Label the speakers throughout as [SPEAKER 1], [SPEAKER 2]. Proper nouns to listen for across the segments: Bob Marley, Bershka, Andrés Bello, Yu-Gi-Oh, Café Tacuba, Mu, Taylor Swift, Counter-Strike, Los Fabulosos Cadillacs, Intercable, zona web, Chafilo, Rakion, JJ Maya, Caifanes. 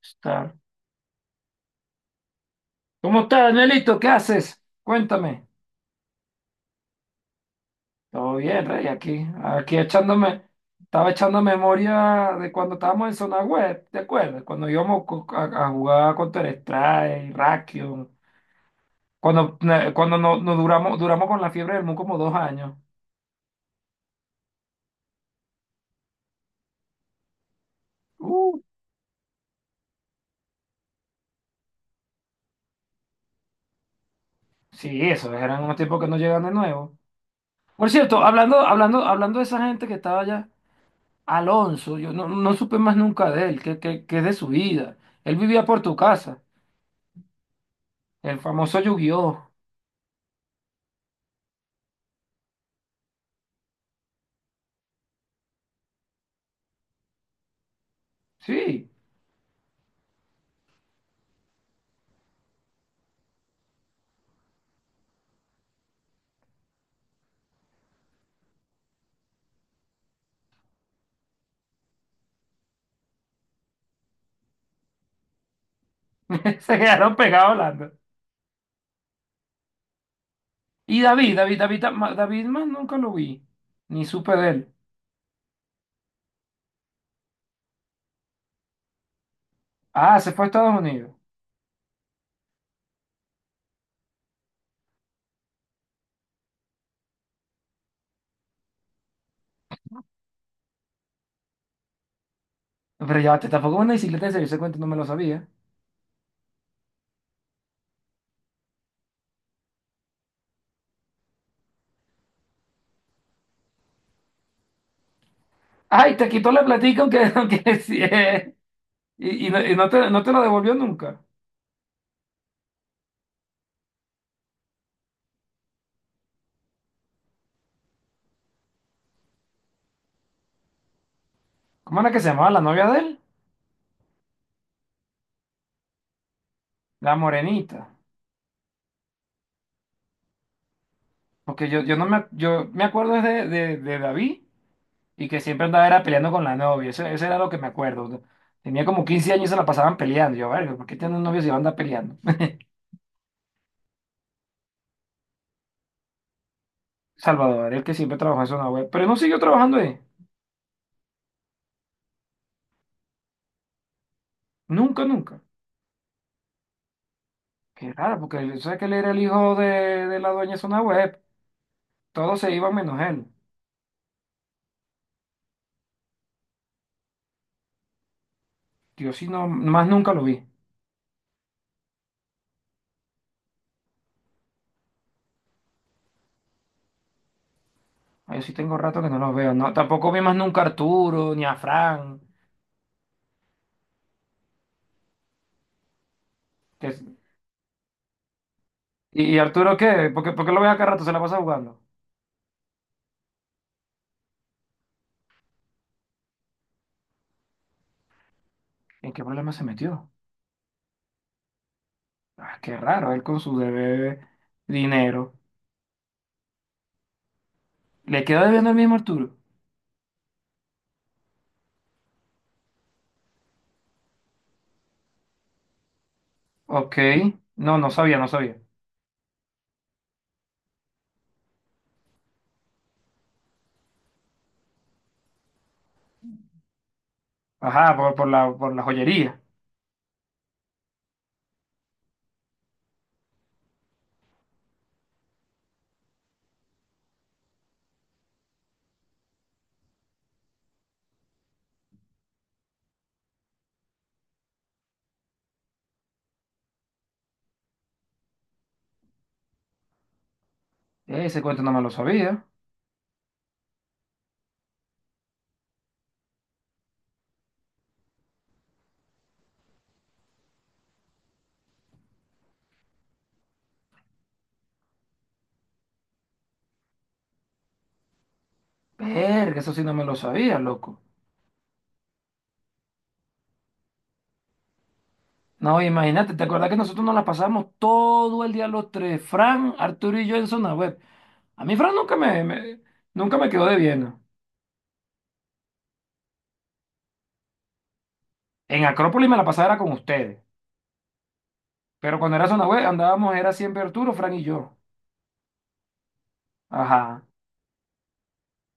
[SPEAKER 1] Está. ¿Cómo estás, Nelito? ¿Qué haces? Cuéntame. Todo bien, Rey, aquí. Aquí echándome, estaba echando memoria de cuando estábamos en zona web, ¿te acuerdas? Cuando íbamos a jugar Counter-Strike, Rakion, cuando no duramos con la fiebre del Mu como 2 años. Uh, sí, esos eran unos tiempos que no llegan de nuevo. Por cierto, hablando de esa gente que estaba allá, Alonso, yo no supe más nunca de él, que es de su vida. Él vivía por tu casa. El famoso Yu-Gi-Oh! Sí, se quedaron pegados hablando. Y David más nunca lo vi, ni supe de él. Ah, se fue a Estados Unidos. Pero ya, te tampoco es una bicicleta de ese cuenta no me lo sabía. Ay, te quitó la platica aunque, aunque sí. Y no te lo devolvió nunca. ¿Cómo era que se llamaba la novia de él? La morenita. Porque yo no me, yo me acuerdo de David. Y que siempre andaba era peleando con la novia. Eso era lo que me acuerdo, ¿no? Tenía como 15 años y se la pasaban peleando. Yo, verga, ¿por qué tiene un novio si anda peleando? Salvador, el que siempre trabajó en zona web, pero no siguió trabajando ahí. Nunca, nunca. Qué raro, porque sabe que él era el hijo de la dueña de zona web. Todos se iban menos él. Yo sí no, más nunca lo vi. Ah, yo sí tengo rato que no los veo. No, tampoco vi más nunca a Arturo ni a Fran. que- ¿y Arturo qué? ¿Por qué lo ves acá rato? Se la pasa jugando. ¿En qué problema se metió? Ah, qué raro, él con su debe dinero. ¿Le quedó debiendo el mismo Arturo? Ok. No, no sabía, no sabía. Ajá, por la joyería. Ese cuento no me lo sabía. Verga, eso sí no me lo sabía, loco. No, imagínate, ¿te acuerdas que nosotros nos la pasamos todo el día los tres? Fran, Arturo y yo en zona web. A mí Fran nunca me quedó debiendo. En Acrópolis me la pasaba era con ustedes. Pero cuando era zona web andábamos, era siempre Arturo, Fran y yo. Ajá.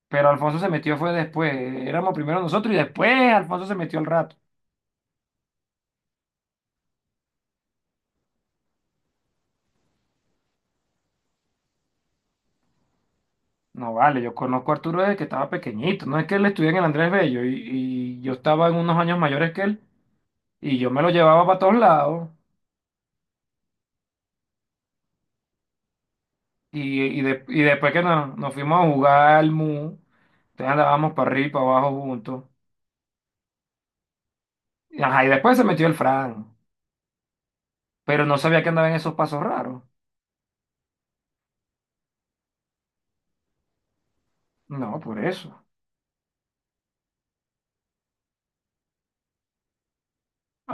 [SPEAKER 1] Pero Alfonso se metió fue después. Éramos primero nosotros y después Alfonso se metió al rato. No vale, yo conozco a Arturo desde que estaba pequeñito. No es que él estuviera en el Andrés Bello y yo estaba en unos años mayores que él y yo me lo llevaba para todos lados. Y, y después que nos fuimos a jugar al MU, entonces andábamos para arriba y para abajo juntos. Ajá, y después se metió el Fran, pero no sabía que andaba en esos pasos raros. No, por eso.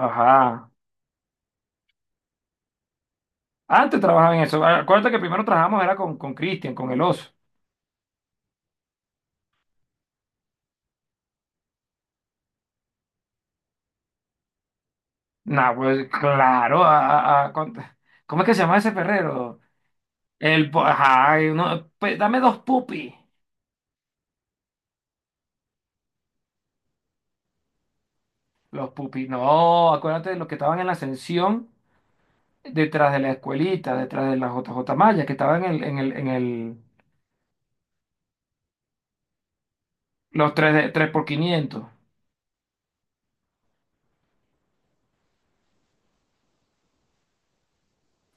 [SPEAKER 1] Ajá. Antes trabajaba en eso. Acuérdate que primero trabajamos era con Cristian, con el oso. Nah, pues claro, ¿cómo es que se llama ese perrero? Ajá, pues, dame dos pupis. Los pupis, no, acuérdate de los que estaban en la ascensión detrás de la escuelita, detrás de la JJ Maya, que estaban 3 por 500.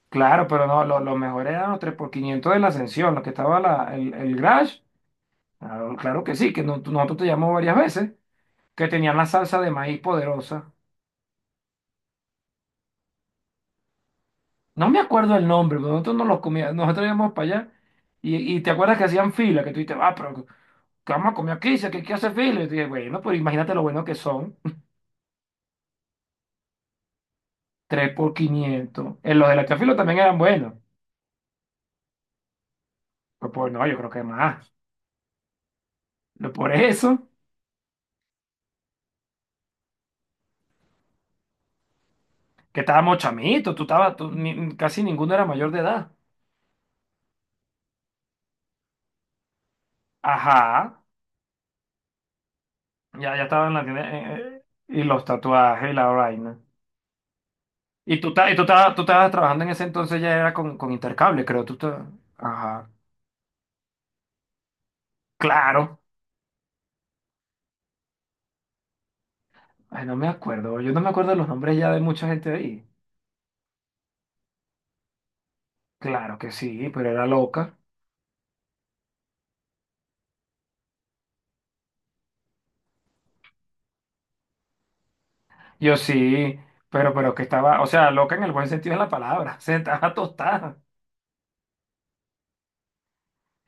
[SPEAKER 1] Claro, pero no, lo mejor eran los 3 por quinientos de la ascensión, los que estaba el grash. Claro, claro que sí, que nosotros te llamamos varias veces, que tenían la salsa de maíz poderosa. No me acuerdo el nombre, pero nosotros no los comíamos, nosotros íbamos para allá y te acuerdas que hacían fila, que tú dices, ah, pero ¿qué vamos a comer aquí? Dice, ¿Qué hace fila? Y yo dije, bueno, pues imagínate lo bueno que son, 3 por 500. En los de la Chafilo también eran buenos, pero pues, no, yo creo que más. Lo Por eso, que estábamos chamitos, tú estabas, casi ninguno era mayor de edad. Ajá, ya estaba en la tienda, y los tatuajes y la vaina. Y tú, estabas trabajando en ese entonces ya era con Intercable, creo, Ajá, claro. Ay, no me acuerdo. Yo no me acuerdo los nombres ya de mucha gente ahí. Claro que sí, pero era loca. Yo sí, pero que estaba, o sea, loca en el buen sentido de la palabra. Se estaba tostada.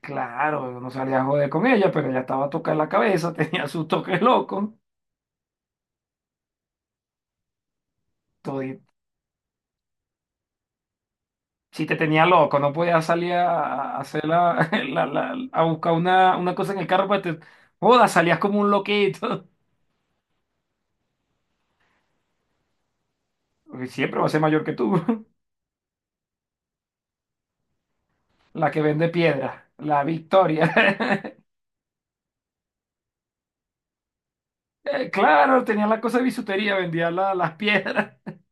[SPEAKER 1] Claro, no salía a joder con ella, pero ella estaba tocada en la cabeza, tenía sus toques locos. Todi- Si te tenía loco, no podías salir a hacer a buscar una cosa en el carro para te. Joda, salías como un loquito. Porque siempre va a ser mayor que tú. La que vende piedra, la Victoria. Claro, tenía la cosa de bisutería, vendía las piedras.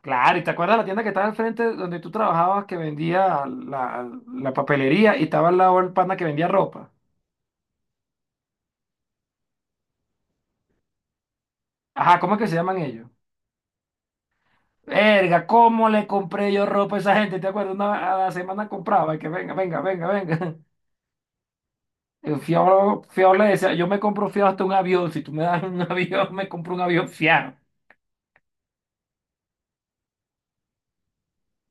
[SPEAKER 1] Claro, ¿y te acuerdas la tienda que estaba al frente donde tú trabajabas que vendía la papelería y estaba al lado el pana que vendía ropa? Ajá, ¿cómo es que se llaman ellos? Verga, ¿cómo le compré yo ropa a esa gente? ¿Te acuerdas? Una, a la semana compraba y que venga, venga, venga, venga. El fiado, fiado le decía, yo me compro fiado hasta un avión. Si tú me das un avión, me compro un avión fiado.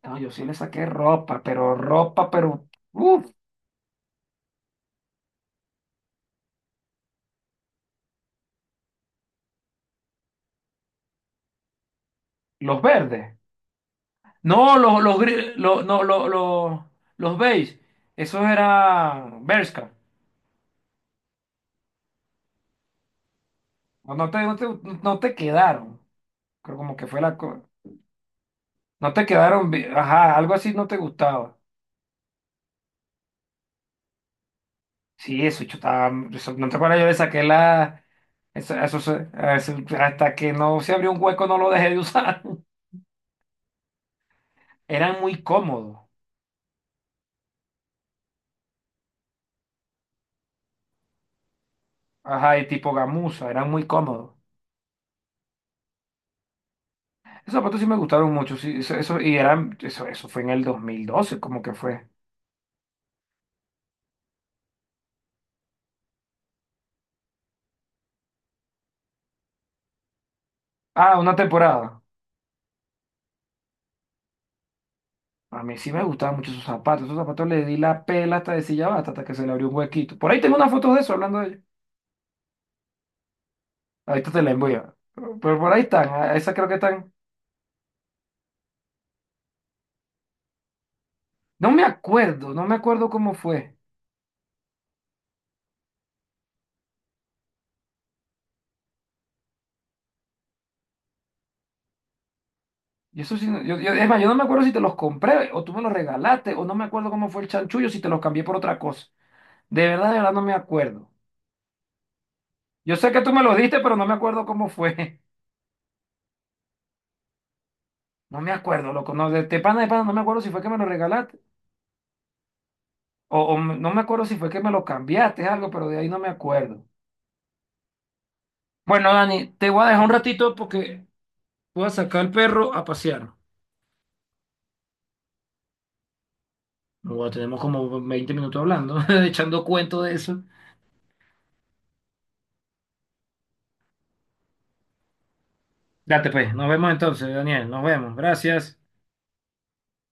[SPEAKER 1] No, yo sí le saqué ropa, pero... Uf, los verdes. No, no, los beige, esos eran Bershka. No, no te quedaron. Creo como que fue la cosa. No te quedaron, ajá, algo así no te gustaba. Sí, eso, yo estaba, no te acuerdas, yo le saqué la, eso se- eso- hasta que no se abrió un hueco no lo dejé de usar. Eran muy cómodos, ajá, y tipo gamuza, eran muy cómodos. Esos zapatos sí me gustaron mucho, sí, y eran, eso fue en el 2012 como que fue. Ah, una temporada. A mí sí me gustaban mucho esos zapatos. Esos zapatos le di la pela hasta de silla basta, hasta que se le abrió un huequito. Por ahí tengo una foto de eso hablando de ellos. Ahorita te la envío. Pero por ahí están. Esas creo que están. No me acuerdo, no me acuerdo cómo fue. Y eso sí, es más, yo no me acuerdo si te los compré o tú me los regalaste o no me acuerdo cómo fue el chanchullo, si te los cambié por otra cosa. De verdad no me acuerdo. Yo sé que tú me los diste, pero no me acuerdo cómo fue. No me acuerdo, loco. No, de pana de pana, no me acuerdo si fue que me los regalaste o no me acuerdo si fue que me los cambiaste, algo, pero de ahí no me acuerdo. Bueno, Dani, te voy a dejar un ratito porque voy a sacar al perro a pasear. Luego tenemos como 20 minutos hablando, echando cuento de eso. Date pues, nos vemos entonces, Daniel, nos vemos. Gracias.